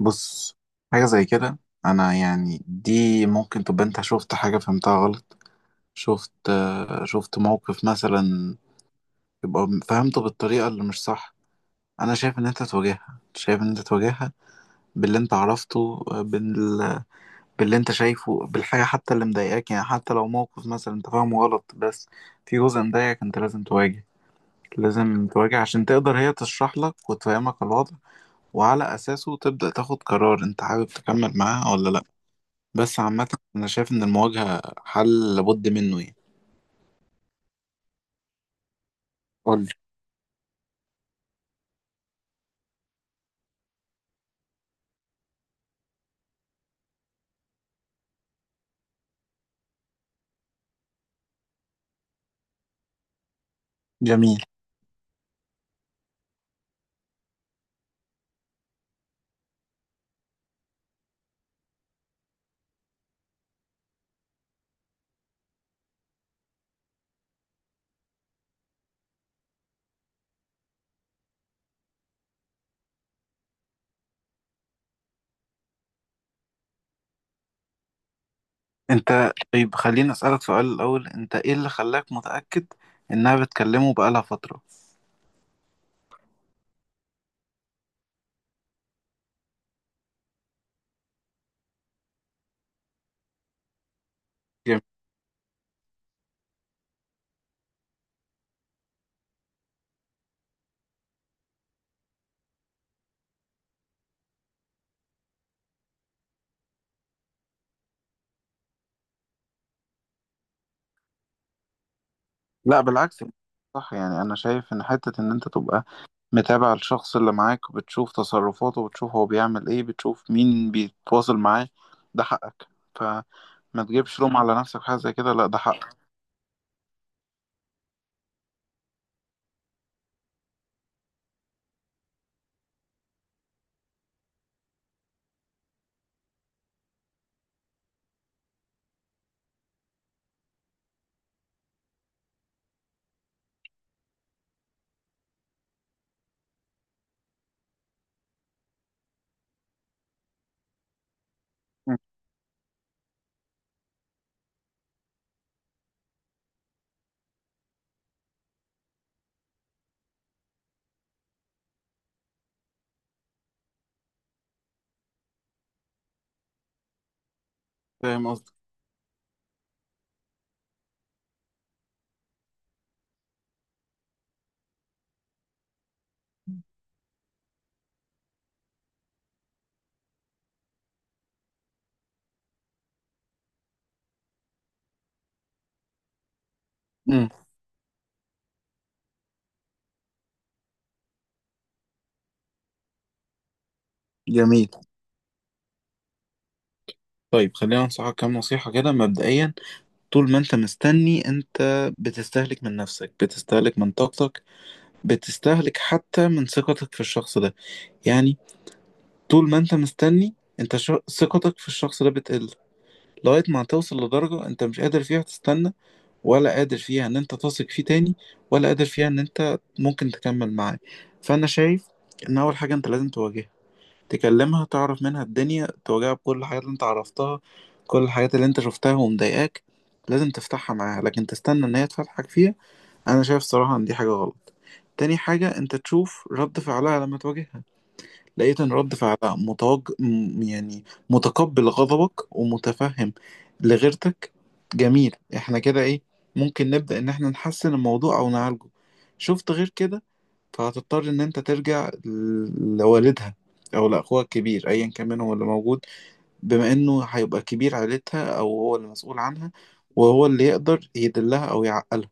بص، حاجة زي كده. أنا يعني دي ممكن تبقى أنت شفت حاجة فهمتها غلط. شفت موقف مثلا، يبقى فهمته بالطريقة اللي مش صح. أنا شايف إن أنت تواجهها باللي أنت عرفته، باللي أنت شايفه، بالحاجة حتى اللي مضايقاك. يعني حتى لو موقف مثلا أنت فاهمه غلط، بس في جزء مضايقك أنت لازم تواجه عشان تقدر هي تشرح لك وتفهمك الوضع، وعلى أساسه تبدأ تاخد قرار أنت حابب تكمل معاها ولا لأ. بس عامة أنا شايف إن المواجهة حل لابد منه يعني. قول لي. جميل. انت طيب، خليني اسألك سؤال الأول، انت ايه اللي خلاك متأكد انها بتكلمه بقالها فترة؟ جميل. لا بالعكس. صح، يعني انا شايف ان حتة ان انت تبقى متابع الشخص اللي معاك وبتشوف تصرفاته وبتشوف هو بيعمل ايه، بتشوف مين بيتواصل معاه، ده حقك. فما تجيبش لوم على نفسك في حاجة زي كده، لا ده حقك. مم. فاهم قصدك. امم. جميل. طيب خلينا أنصحك كام نصيحة كده مبدئيا. طول ما انت مستني، انت بتستهلك من نفسك، بتستهلك من طاقتك، بتستهلك حتى من ثقتك في الشخص ده. يعني طول ما انت مستني، انت ثقتك في الشخص ده بتقل لغاية ما توصل لدرجة انت مش قادر فيها تستنى، ولا قادر فيها ان انت تثق فيه تاني، ولا قادر فيها ان انت ممكن تكمل معاه. فانا شايف ان اول حاجة انت لازم تواجهها، تكلمها، تعرف منها الدنيا، تواجهها بكل الحاجات اللي انت عرفتها، كل الحاجات اللي انت شفتها ومضايقاك. لازم تفتحها معاها، لكن تستنى ان هي تفتحك فيها. انا شايف صراحة ان دي حاجة غلط. تاني حاجة، انت تشوف رد فعلها لما تواجهها. لقيت ان رد فعلها يعني متقبل غضبك ومتفهم لغيرتك. جميل، احنا كده ايه، ممكن نبدأ ان احنا نحسن الموضوع او نعالجه. شفت غير كده، فهتضطر ان انت ترجع لوالدها او لاخوها الكبير، ايا كان منهم اللي موجود، بما انه هيبقى كبير عيلتها او هو اللي مسؤول عنها، وهو اللي يقدر يدلها او يعقلها.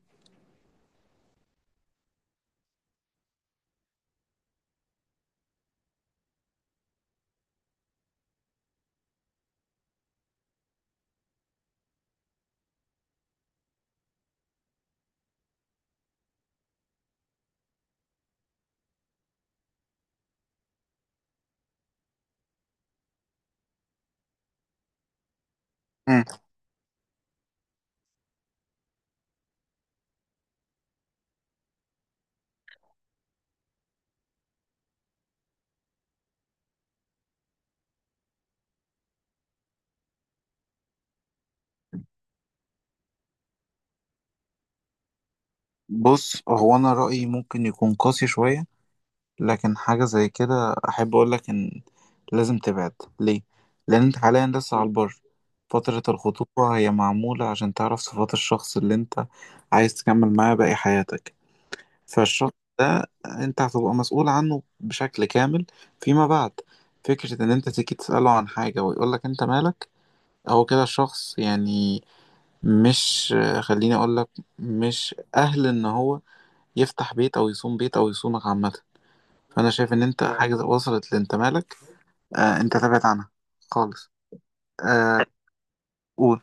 مم. بص، هو انا رأيي ممكن يكون قاسي شوية لكن حاجة زي كده احب اقول لك ان لازم تبعد. ليه؟ لان انت حاليا لسه على البر. فترة الخطوبة هي معمولة عشان تعرف صفات الشخص اللي انت عايز تكمل معاه باقي حياتك. فالشط ده انت هتبقى مسؤول عنه بشكل كامل فيما بعد. فكرة ان انت تيجي تسأله عن حاجة ويقولك انت مالك، هو كده الشخص يعني مش خليني اقولك، مش اهل ان هو يفتح بيت او يصوم بيت او يصومك عامة. فانا شايف ان انت حاجة وصلت لانت مالك، انت تبعد عنها خالص. آه، قول.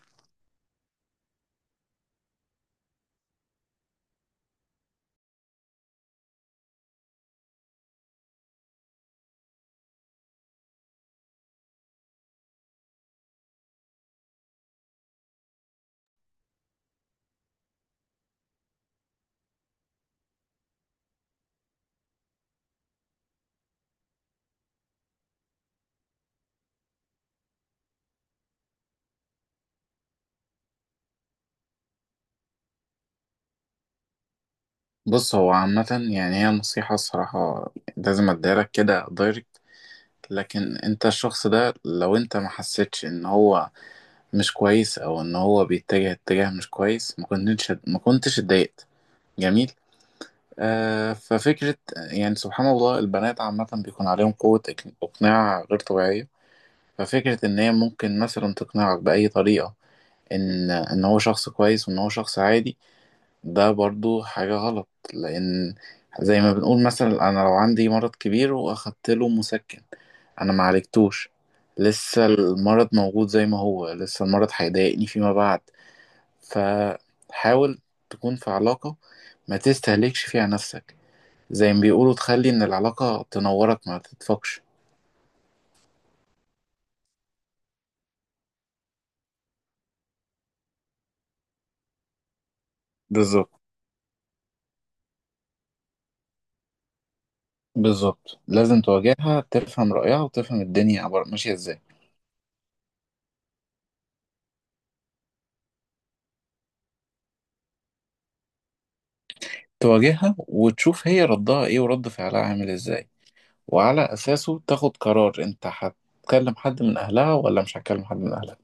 بص، هو عامة يعني هي نصيحة الصراحة لازم اديها لك كده دايركت. لكن انت الشخص ده لو انت ما حسيتش ان هو مش كويس او ان هو بيتجه اتجاه مش كويس، ما كنتش اتضايقت. جميل. ففكرة يعني سبحان الله البنات عامة بيكون عليهم قوة اقناع غير طبيعية. ففكرة ان هي ممكن مثلا تقنعك بأي طريقة ان هو شخص كويس وان هو شخص عادي، ده برضو حاجة غلط. لأن زي ما بنقول، مثلا أنا لو عندي مرض كبير وأخدت له مسكن، أنا ما عالجتوش، لسه المرض موجود زي ما هو، لسه المرض هيضايقني فيما بعد. فحاول تكون في علاقة ما تستهلكش فيها نفسك، زي ما بيقولوا تخلي إن العلاقة تنورك ما تدفقش. بالظبط. بالظبط لازم تواجهها، تفهم رأيها وتفهم الدنيا عبارة ماشية إزاي. تواجهها وتشوف هي ردها إيه ورد فعلها عامل إزاي، وعلى أساسه تاخد قرار أنت هتكلم حد من أهلها ولا مش هتكلم حد من أهلها.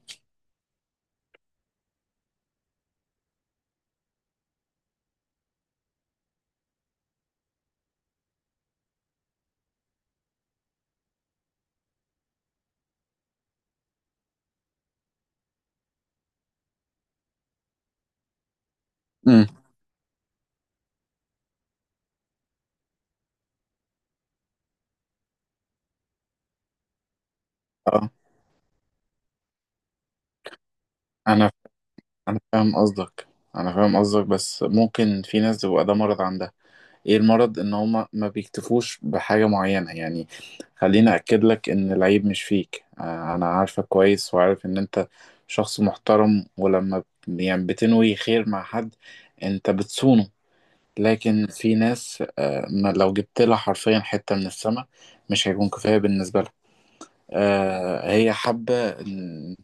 امم. اه. أنا أنا فاهم قصدك أنا فاهم قصدك بس ممكن في ناس بيبقى ده مرض عندها. إيه المرض؟ إن هما ما بيكتفوش بحاجة معينة يعني. خليني أكد لك إن العيب مش فيك. أنا عارفك كويس وعارف إن أنت شخص محترم، ولما يعني بتنوي خير مع حد أنت بتصونه. لكن في ناس، ما لو جبت لها حرفيا حتة من السماء مش هيكون كفاية بالنسبة لها. هي حابة إن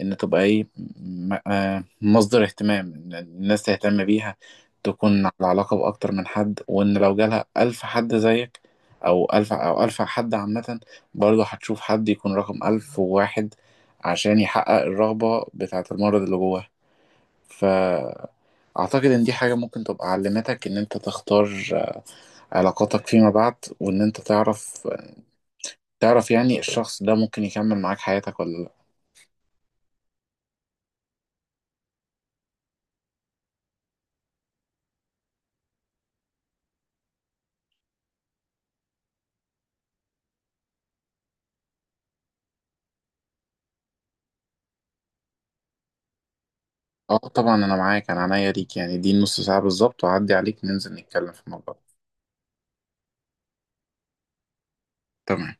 تبقى إيه، مصدر اهتمام، إن الناس تهتم بيها، تكون على علاقة بأكتر من حد، وإن لو جالها ألف حد زيك أو ألف حد عامة برضه هتشوف حد يكون رقم 1001 عشان يحقق الرغبة بتاعة المرض اللي جواه. ف أعتقد إن دي حاجة ممكن تبقى علمتك إن أنت تختار علاقاتك فيما بعد، وان انت تعرف، تعرف يعني الشخص ده ممكن يكمل معاك حياتك ولا لا. اه طبعا انا معاك، انا عينيا ليك يعني، دي نص ساعة بالظبط وعدي عليك ننزل نتكلم في الموضوع ده. تمام.